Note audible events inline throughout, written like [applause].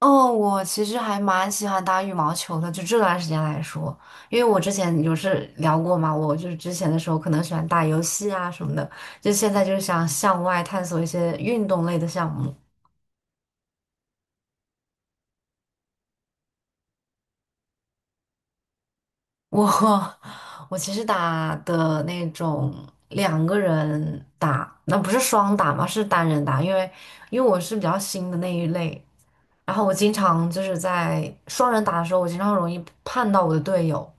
哦，我其实还蛮喜欢打羽毛球的，就这段时间来说，因为我之前有是聊过嘛，我就是之前的时候可能喜欢打游戏啊什么的，就现在就是想向外探索一些运动类的项目。我 [laughs] 我其实打的那种两个人打，那不是双打嘛，是单人打，因为我是比较新的那一类，然后我经常就是在双人打的时候，我经常容易碰到我的队友。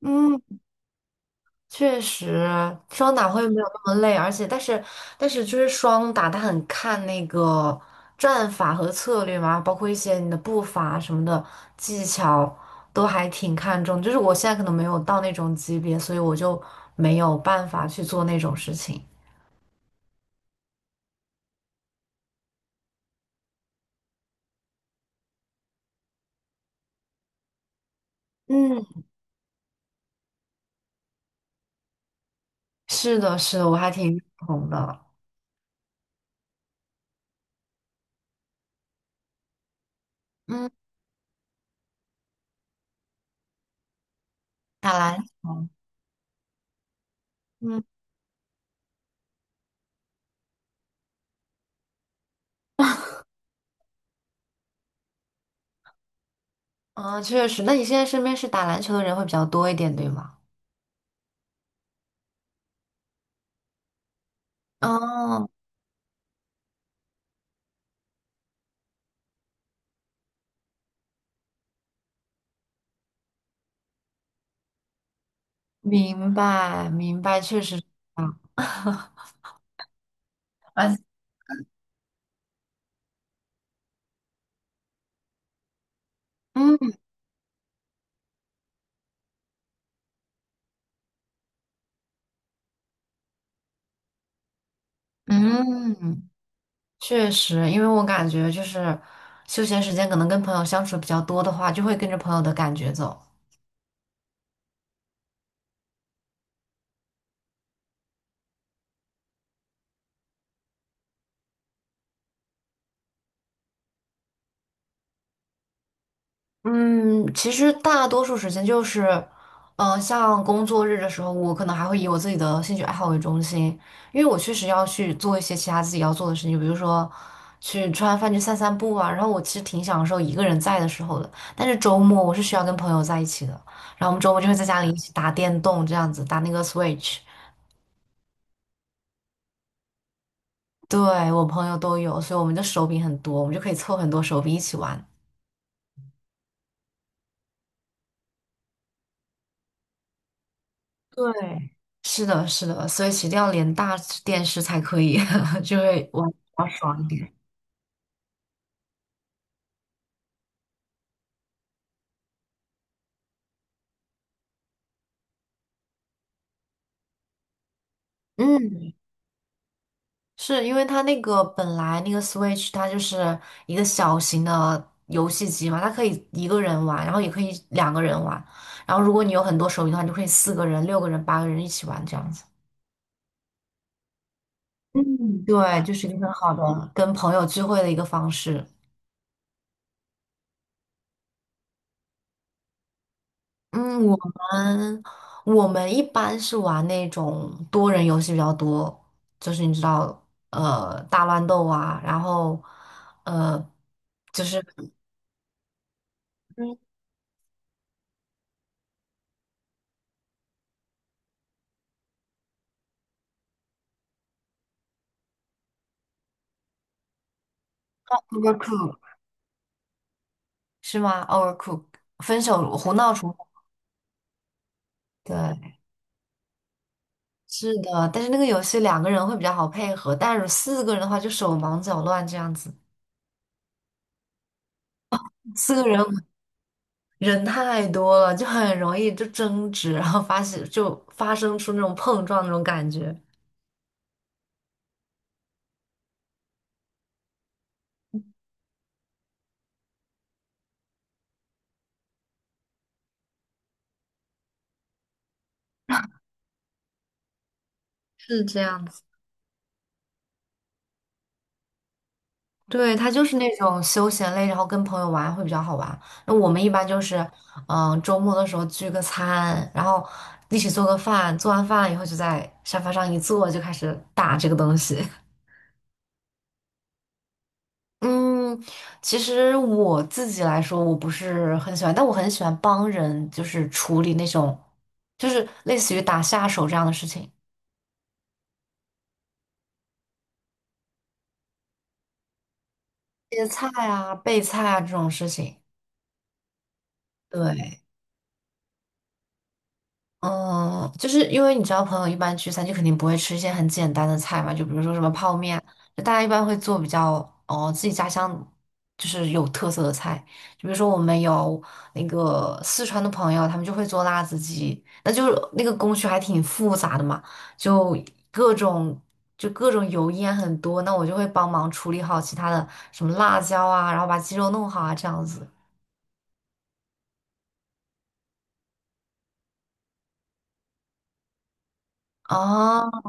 嗯。确实，双打会没有那么累，而且但是就是双打，它很看那个战法和策略嘛，包括一些你的步伐什么的技巧，都还挺看重。就是我现在可能没有到那种级别，所以我就没有办法去做那种事情。嗯，是的，是的，我还挺认同的。嗯，打篮球，嗯啊，确实。那你现在身边是打篮球的人会比较多一点，对吗？哦，明白明白，确实。啊。而嗯嗯，确实，因为我感觉就是休闲时间可能跟朋友相处比较多的话，就会跟着朋友的感觉走。嗯，其实大多数时间就是，像工作日的时候，我可能还会以我自己的兴趣爱好为中心，因为我确实要去做一些其他自己要做的事情，比如说去吃完饭去散散步啊。然后我其实挺享受一个人在的时候的，但是周末我是需要跟朋友在一起的，然后我们周末就会在家里一起打电动，这样子打那个 Switch。对，我朋友都有，所以我们的手柄很多，我们就可以凑很多手柄一起玩。对，是的，是的，所以其实一定要连大电视才可以，[laughs] 就会玩比较爽一点。嗯，是因为它那个本来那个 Switch 它就是一个小型的游戏机嘛，它可以一个人玩，然后也可以两个人玩，然后如果你有很多手柄的话，你就可以四个人、六个人、八个人一起玩这样子。嗯，对，就是一个很好的跟朋友聚会的一个方式。嗯，们我们一般是玩那种多人游戏比较多，就是你知道，大乱斗啊，然后呃，就是嗯 Overcook 是吗？Overcook 分手胡闹厨房。对，是的，但是那个游戏两个人会比较好配合，但是四个人的话就手忙脚乱这样子，四个人人太多了，就很容易就争执，然后发现就发生出那种碰撞那种感觉，是这样子。对，它就是那种休闲类，然后跟朋友玩会比较好玩。那我们一般就是，周末的时候聚个餐，然后一起做个饭，做完饭以后就在沙发上一坐，就开始打这个东西。[laughs] 嗯，其实我自己来说，我不是很喜欢，但我很喜欢帮人，就是处理那种，就是类似于打下手这样的事情，切菜啊、备菜啊这种事情。对。嗯，就是因为你知道，朋友一般聚餐就肯定不会吃一些很简单的菜嘛，就比如说什么泡面，就大家一般会做比较哦自己家乡就是有特色的菜，就比如说我们有那个四川的朋友，他们就会做辣子鸡，那就是那个工序还挺复杂的嘛，就各种就各种油烟很多，那我就会帮忙处理好其他的什么辣椒啊，然后把鸡肉弄好啊这样子。哦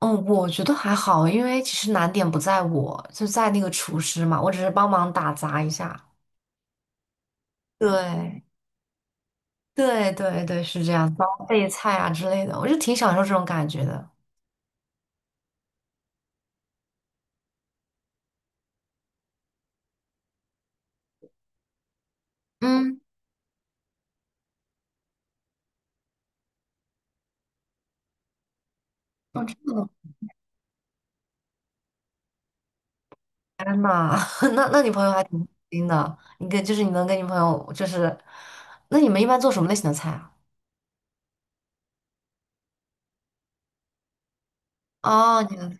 嗯，我觉得还好，因为其实难点不在我，就在那个厨师嘛，我只是帮忙打杂一下。对，对，对，对，是这样，帮备菜啊之类的，我就挺享受这种感觉的。嗯，哦，这么的，天呐，[laughs] 那你朋友还挺开心的，就是你能跟你朋友就是，那你们一般做什么类型的菜啊？哦，你的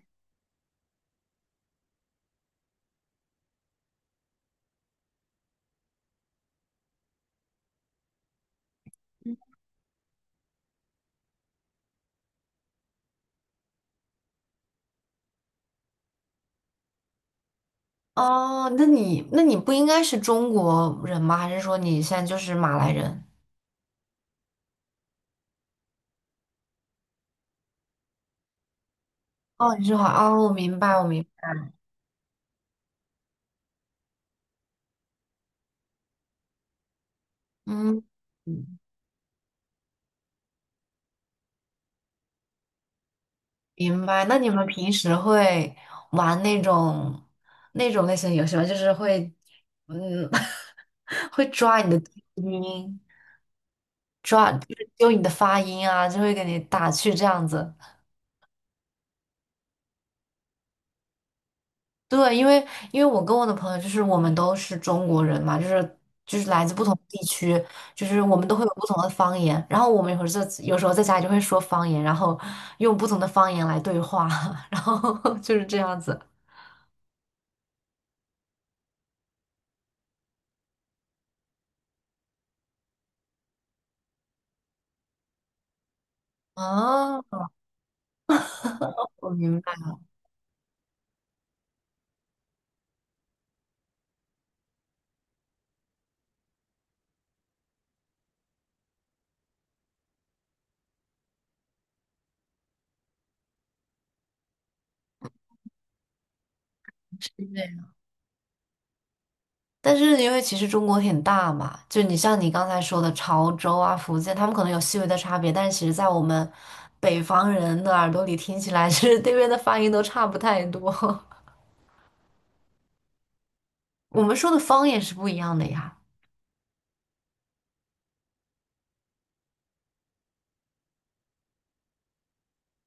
哦，那你不应该是中国人吗？还是说你现在就是马来人？哦，你是华哦，我明白，我明白，嗯嗯。明白。那你们平时会玩那种类型的游戏吗？就是会，嗯，[laughs] 会抓你的低音，就是揪你的发音啊，就会给你打趣这样子。对，因为我跟我的朋友就是我们都是中国人嘛，就是来自不同地区，就是我们都会有不同的方言。然后我们有时候在家里就会说方言，然后用不同的方言来对话，[laughs] 然后就是这样子。哦，我明白。但是因为其实中国挺大嘛，像你刚才说的潮州啊、福建，他们可能有细微的差别，但是其实在我们北方人的耳朵里听起来，[laughs] 其实这边的发音都差不太多。[laughs] 我们说的方言是不一样的呀，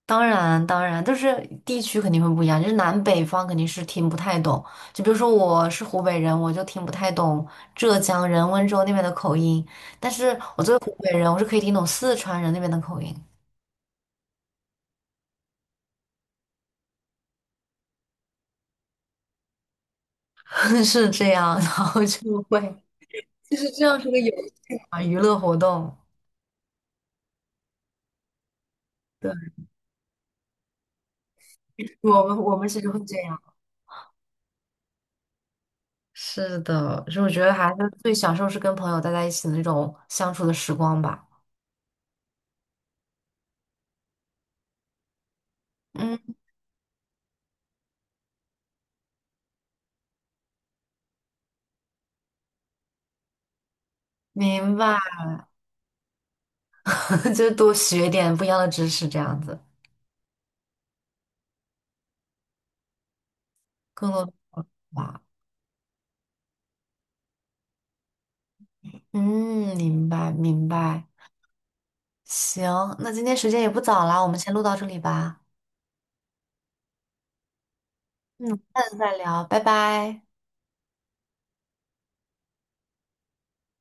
当然当然，就是地区肯定会不一样，就是南北方肯定是听不太懂。就比如说我是湖北人，我就听不太懂浙江人、温州那边的口音，但是我作为湖北人，我是可以听懂四川人那边的口音，[laughs] 是这样，然后就会。就是这样是个娱乐活动。对，我们其实会这样。是的，所以我觉得还是最享受是跟朋友待在一起的那种相处的时光吧。嗯，明白，[laughs] 就多学点不一样的知识，这样子更多吧。嗯，明白明白。行，那今天时间也不早了，我们先录到这里吧。嗯，下次再聊，拜拜。